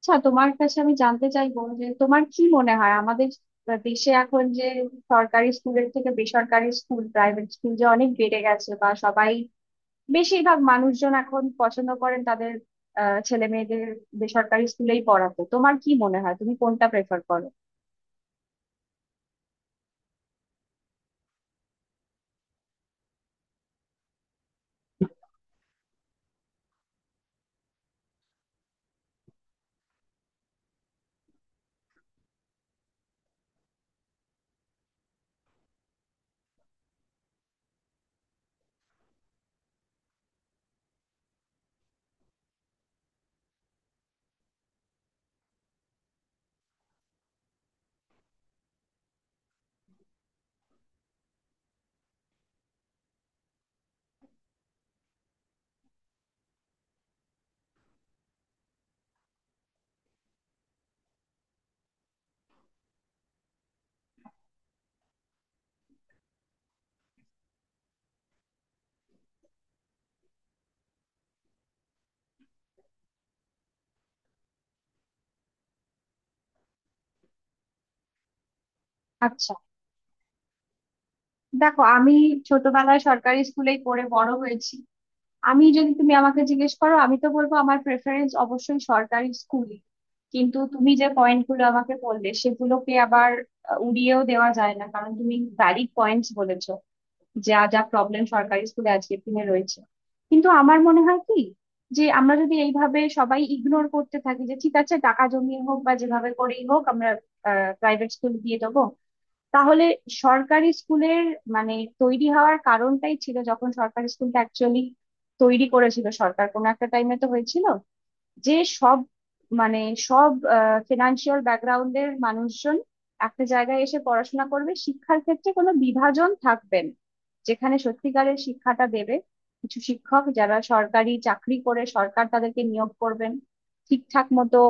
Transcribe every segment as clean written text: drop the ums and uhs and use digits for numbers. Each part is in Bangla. আচ্ছা, তোমার কাছে আমি জানতে চাইবো যে তোমার কি মনে হয়, আমাদের দেশে এখন যে সরকারি স্কুলের থেকে বেসরকারি স্কুল, প্রাইভেট স্কুল যে অনেক বেড়ে গেছে, বা সবাই বেশিরভাগ মানুষজন এখন পছন্দ করেন তাদের ছেলে মেয়েদের বেসরকারি স্কুলেই পড়াতে, তোমার কি মনে হয়, তুমি কোনটা প্রেফার করো? আচ্ছা, দেখো, আমি ছোটবেলায় সরকারি স্কুলেই পড়ে বড় হয়েছি। আমি যদি, তুমি আমাকে জিজ্ঞেস করো, আমি তো বলবো আমার প্রেফারেন্স অবশ্যই সরকারি স্কুলই। কিন্তু তুমি যে পয়েন্ট গুলো আমাকে বললে সেগুলোকে আবার উড়িয়েও দেওয়া যায় না, কারণ তুমি ভ্যালিড পয়েন্টস বলেছো, যা যা প্রবলেম সরকারি স্কুলে আজকের দিনে রয়েছে। কিন্তু আমার মনে হয় কি, যে আমরা যদি এইভাবে সবাই ইগনোর করতে থাকি যে ঠিক আছে টাকা জমিয়ে হোক বা যেভাবে করেই হোক আমরা প্রাইভেট স্কুল দিয়ে দেবো, তাহলে সরকারি স্কুলের মানে তৈরি হওয়ার কারণটাই ছিল যখন সরকারি স্কুলটা অ্যাকচুয়ালি তৈরি করেছিল সরকার কোনো একটা টাইমে, তো হয়েছিল যে সব, মানে সব ফিনান্সিয়াল ব্যাকগ্রাউন্ডের মানুষজন একটা জায়গায় এসে পড়াশোনা করবে, শিক্ষার ক্ষেত্রে কোনো বিভাজন থাকবে না, যেখানে সত্যিকারের শিক্ষাটা দেবে কিছু শিক্ষক যারা সরকারি চাকরি করে, সরকার তাদেরকে নিয়োগ করবেন ঠিকঠাক মতো,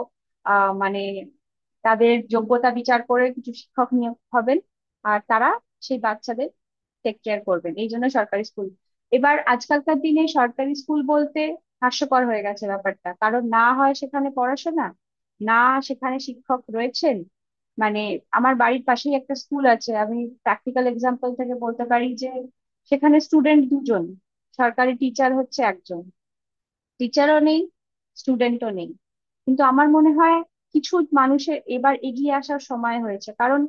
মানে তাদের যোগ্যতা বিচার করে কিছু শিক্ষক নিয়োগ হবেন আর তারা সেই বাচ্চাদের টেক কেয়ার করবেন, এই জন্য সরকারি স্কুল। এবার আজকালকার দিনে সরকারি স্কুল বলতে হাস্যকর হয়ে গেছে ব্যাপারটা, কারণ না হয় সেখানে পড়াশোনা, না সেখানে শিক্ষক রয়েছেন। মানে আমার বাড়ির পাশেই একটা স্কুল আছে, আমি প্র্যাকটিক্যাল এক্সাম্পল থেকে বলতে পারি যে সেখানে স্টুডেন্ট দুজন, সরকারি টিচার হচ্ছে একজন, টিচারও নেই স্টুডেন্টও নেই। কিন্তু আমার মনে হয় কিছু মানুষের এবার এগিয়ে আসার সময় হয়েছে, কারণ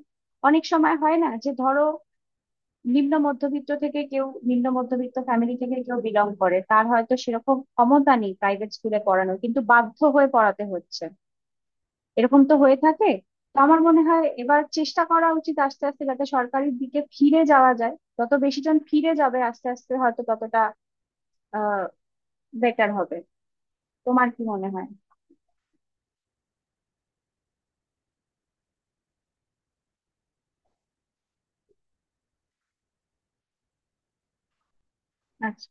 অনেক সময় হয় না যে ধরো নিম্ন মধ্যবিত্ত থেকে কেউ, নিম্ন মধ্যবিত্ত ফ্যামিলি থেকে কেউ বিলং করে, তার হয়তো সেরকম ক্ষমতা নেই প্রাইভেট স্কুলে পড়ানোর, কিন্তু বাধ্য হয়ে পড়াতে হচ্ছে। এরকম তো হয়ে থাকে। তো আমার মনে হয় এবার চেষ্টা করা উচিত আস্তে আস্তে, যাতে সরকারির দিকে ফিরে যাওয়া যায়। যত বেশি জন ফিরে যাবে আস্তে আস্তে হয়তো ততটা আহ বেটার হবে। তোমার কি মনে হয়? আচ্ছা।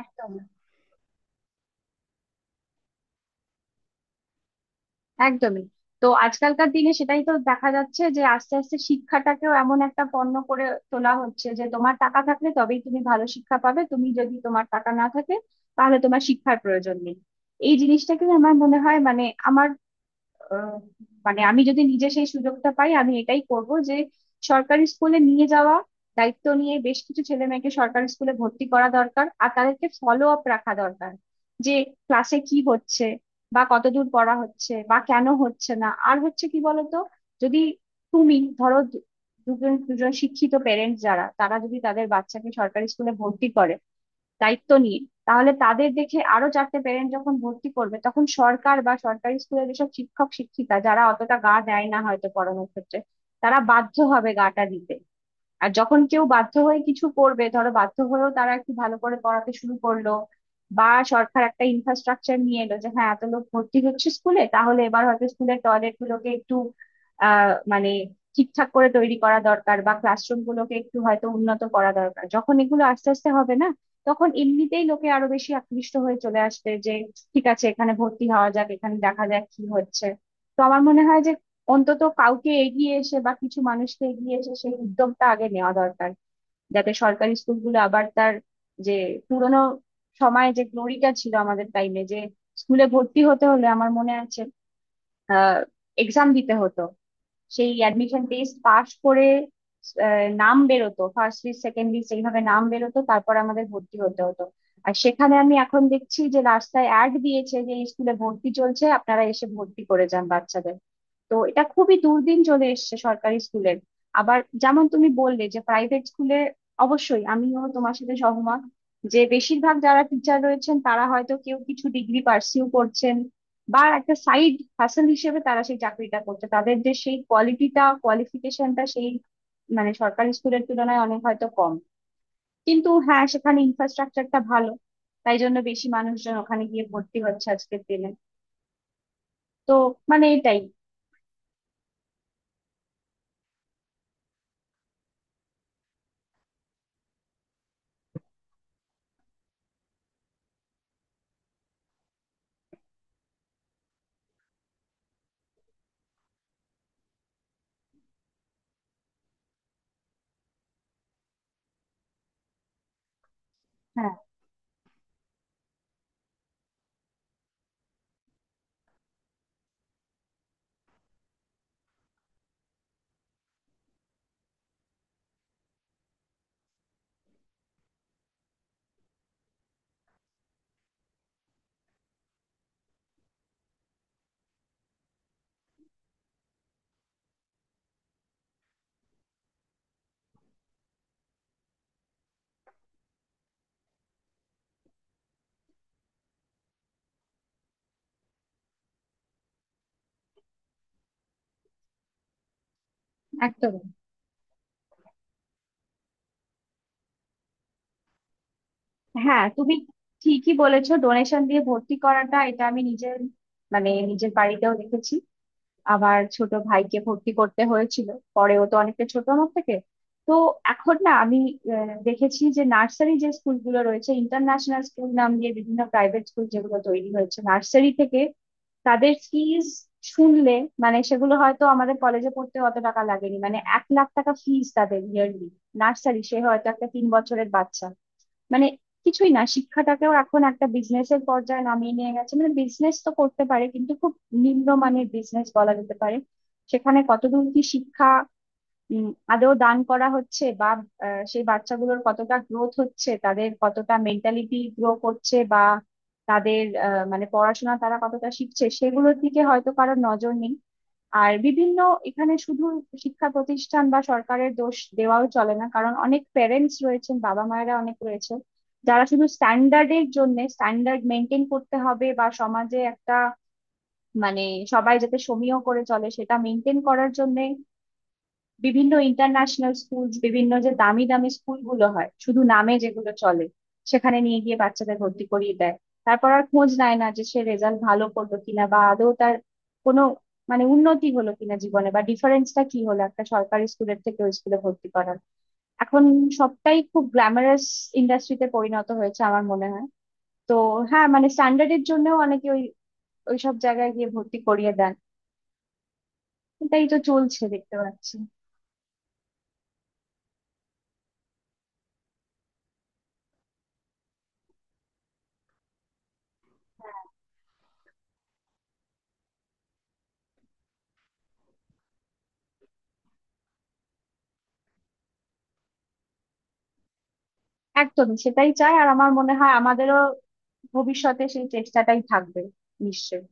একদম। একদমই। তো আজকালকার দিনে সেটাই তো দেখা যাচ্ছে যে আস্তে আস্তে শিক্ষাটাকেও এমন একটা পণ্য করে তোলা হচ্ছে যে তোমার টাকা থাকলে তবেই তুমি ভালো শিক্ষা পাবে, তুমি যদি, তোমার টাকা না থাকে তাহলে তোমার শিক্ষার প্রয়োজন নেই। এই জিনিসটাকে আমার মনে হয়, মানে আমার আহ, মানে আমি যদি নিজে সেই সুযোগটা পাই আমি এটাই করব যে সরকারি স্কুলে নিয়ে যাওয়া, দায়িত্ব নিয়ে বেশ কিছু ছেলে মেয়েকে সরকারি স্কুলে ভর্তি করা দরকার, আর তাদেরকে ফলো আপ রাখা দরকার যে ক্লাসে কি হচ্ছে, বা কতদূর পড়া হচ্ছে, বা কেন হচ্ছে না। আর হচ্ছে কি বলতো, যদি তুমি ধরো দুজন দুজন শিক্ষিত পেরেন্টস যারা, তারা যদি তাদের বাচ্চাকে সরকারি স্কুলে ভর্তি করে দায়িত্ব নিয়ে, তাহলে তাদের দেখে আরো চারটে পেরেন্ট যখন ভর্তি করবে, তখন সরকার বা সরকারি স্কুলের যেসব শিক্ষক শিক্ষিকা যারা অতটা গা দেয় না হয়তো পড়ানোর ক্ষেত্রে, তারা বাধ্য হবে গাটা দিতে। আর যখন কেউ বাধ্য হয়ে কিছু করবে, ধরো বাধ্য হয়েও তারা একটু ভালো করে পড়াতে শুরু করলো, বা সরকার একটা ইনফ্রাস্ট্রাকচার নিয়ে এলো যে হ্যাঁ এত লোক ভর্তি হচ্ছে স্কুলে, তাহলে এবার হয়তো স্কুলের টয়লেট গুলোকে একটু মানে ঠিকঠাক করে তৈরি করা দরকার, বা ক্লাসরুম গুলোকে একটু হয়তো উন্নত করা দরকার। যখন এগুলো আস্তে আস্তে হবে না, তখন এমনিতেই লোকে আরো বেশি আকৃষ্ট হয়ে চলে আসবে যে ঠিক আছে এখানে ভর্তি হওয়া যাক, এখানে দেখা যাক কি হচ্ছে। তো আমার মনে হয় যে অন্তত কাউকে এগিয়ে এসে, বা কিছু মানুষকে এগিয়ে এসে সেই উদ্যোগটা আগে নেওয়া দরকার, যাতে সরকারি স্কুলগুলো আবার তার যে পুরোনো সময়ে যে গ্লোরিটা ছিল আমাদের টাইমে, যে স্কুলে ভর্তি হতে হলে আমার মনে আছে আহ এক্সাম দিতে হতো, সেই অ্যাডমিশন টেস্ট পাস করে নাম বেরোতো, ফার্স্ট লিস্ট সেকেন্ড লিস্ট এইভাবে নাম বেরোতো, তারপর আমাদের ভর্তি হতে হতো। আর সেখানে আমি এখন দেখছি যে রাস্তায় অ্যাড দিয়েছে যে স্কুলে ভর্তি চলছে, আপনারা এসে ভর্তি করে যান বাচ্চাদের। তো এটা খুবই দুর্দিন চলে এসেছে সরকারি স্কুলের। আবার যেমন তুমি বললে যে প্রাইভেট স্কুলে, অবশ্যই আমিও তোমার সাথে সহমত যে বেশিরভাগ যারা টিচার রয়েছেন, তারা হয়তো কেউ কিছু ডিগ্রি পার্সিউ করছেন, বা একটা সাইড হাসেল হিসেবে তারা সেই চাকরিটা করছে। তাদের যে সেই কোয়ালিটিটা, কোয়ালিফিকেশনটা সেই, মানে সরকারি স্কুলের তুলনায় অনেক হয়তো কম, কিন্তু হ্যাঁ সেখানে ইনফ্রাস্ট্রাকচারটা ভালো, তাই জন্য বেশি মানুষজন ওখানে গিয়ে ভর্তি হচ্ছে আজকের দিনে। তো মানে এটাই। হ্যাঁ, একদম। হ্যাঁ, তুমি ঠিকই বলেছো, ডোনেশন দিয়ে ভর্তি করাটা এটা আমি নিজের, মানে নিজের বাড়িতেও দেখেছি। আবার ছোট ভাইকে ভর্তি করতে হয়েছিল পরে, ও তো অনেকটা ছোট আমার থেকে। তো এখন না আমি দেখেছি যে নার্সারি যে স্কুলগুলো রয়েছে, ইন্টারন্যাশনাল স্কুল নাম দিয়ে বিভিন্ন প্রাইভেট স্কুল যেগুলো তৈরি হয়েছে নার্সারি থেকে, তাদের ফিজ শুনলে, মানে সেগুলো হয়তো আমাদের কলেজে পড়তে অত টাকা লাগেনি, মানে 1,00,000 টাকা ফিজ তাদের ইয়ারলি। নার্সারি, সে হয়তো একটা 3 বছরের বাচ্চা, মানে কিছুই না। শিক্ষাটাকেও এখন একটা বিজনেসের পর্যায়ে নামিয়ে নিয়ে গেছে, মানে বিজনেস তো করতে পারে, কিন্তু খুব নিম্নমানের বিজনেস বলা যেতে পারে। সেখানে কতদূর কি শিক্ষা উম, আদৌ দান করা হচ্ছে, বা সেই বাচ্চাগুলোর কতটা গ্রোথ হচ্ছে, তাদের কতটা মেন্টালিটি গ্রো করছে, বা তাদের মানে পড়াশোনা তারা কতটা শিখছে, সেগুলোর দিকে হয়তো কারোর নজর নেই। আর বিভিন্ন এখানে শুধু শিক্ষা প্রতিষ্ঠান বা সরকারের দোষ দেওয়াও চলে না, কারণ অনেক প্যারেন্টস রয়েছেন, বাবা মায়েরা অনেক রয়েছে যারা শুধু স্ট্যান্ডার্ডের জন্য, স্ট্যান্ডার্ড মেনটেন করতে হবে বা সমাজে একটা, মানে সবাই যাতে সমীহ করে চলে সেটা মেনটেন করার জন্য বিভিন্ন ইন্টারন্যাশনাল স্কুলস, বিভিন্ন যে দামি দামি স্কুলগুলো হয় শুধু নামে যেগুলো চলে, সেখানে নিয়ে গিয়ে বাচ্চাদের ভর্তি করিয়ে দেয়। তারপর আর খোঁজ নেয় না যে সে রেজাল্ট ভালো করলো কিনা, বা আদৌ তার কোনো, মানে উন্নতি হলো কিনা জীবনে, বা ডিফারেন্সটা কি হলো একটা সরকারি স্কুলের থেকে ওই স্কুলে ভর্তি করার। এখন সবটাই খুব গ্ল্যামারাস ইন্ডাস্ট্রিতে পরিণত হয়েছে আমার মনে হয়। তো হ্যাঁ, মানে স্ট্যান্ডার্ডের জন্যও অনেকে ওই ওইসব জায়গায় গিয়ে ভর্তি করিয়ে দেন। এটাই তো চলছে দেখতে পাচ্ছি। একদমই সেটাই চাই, আর আমার মনে হয় আমাদেরও ভবিষ্যতে সেই চেষ্টাটাই থাকবে, নিশ্চয়ই।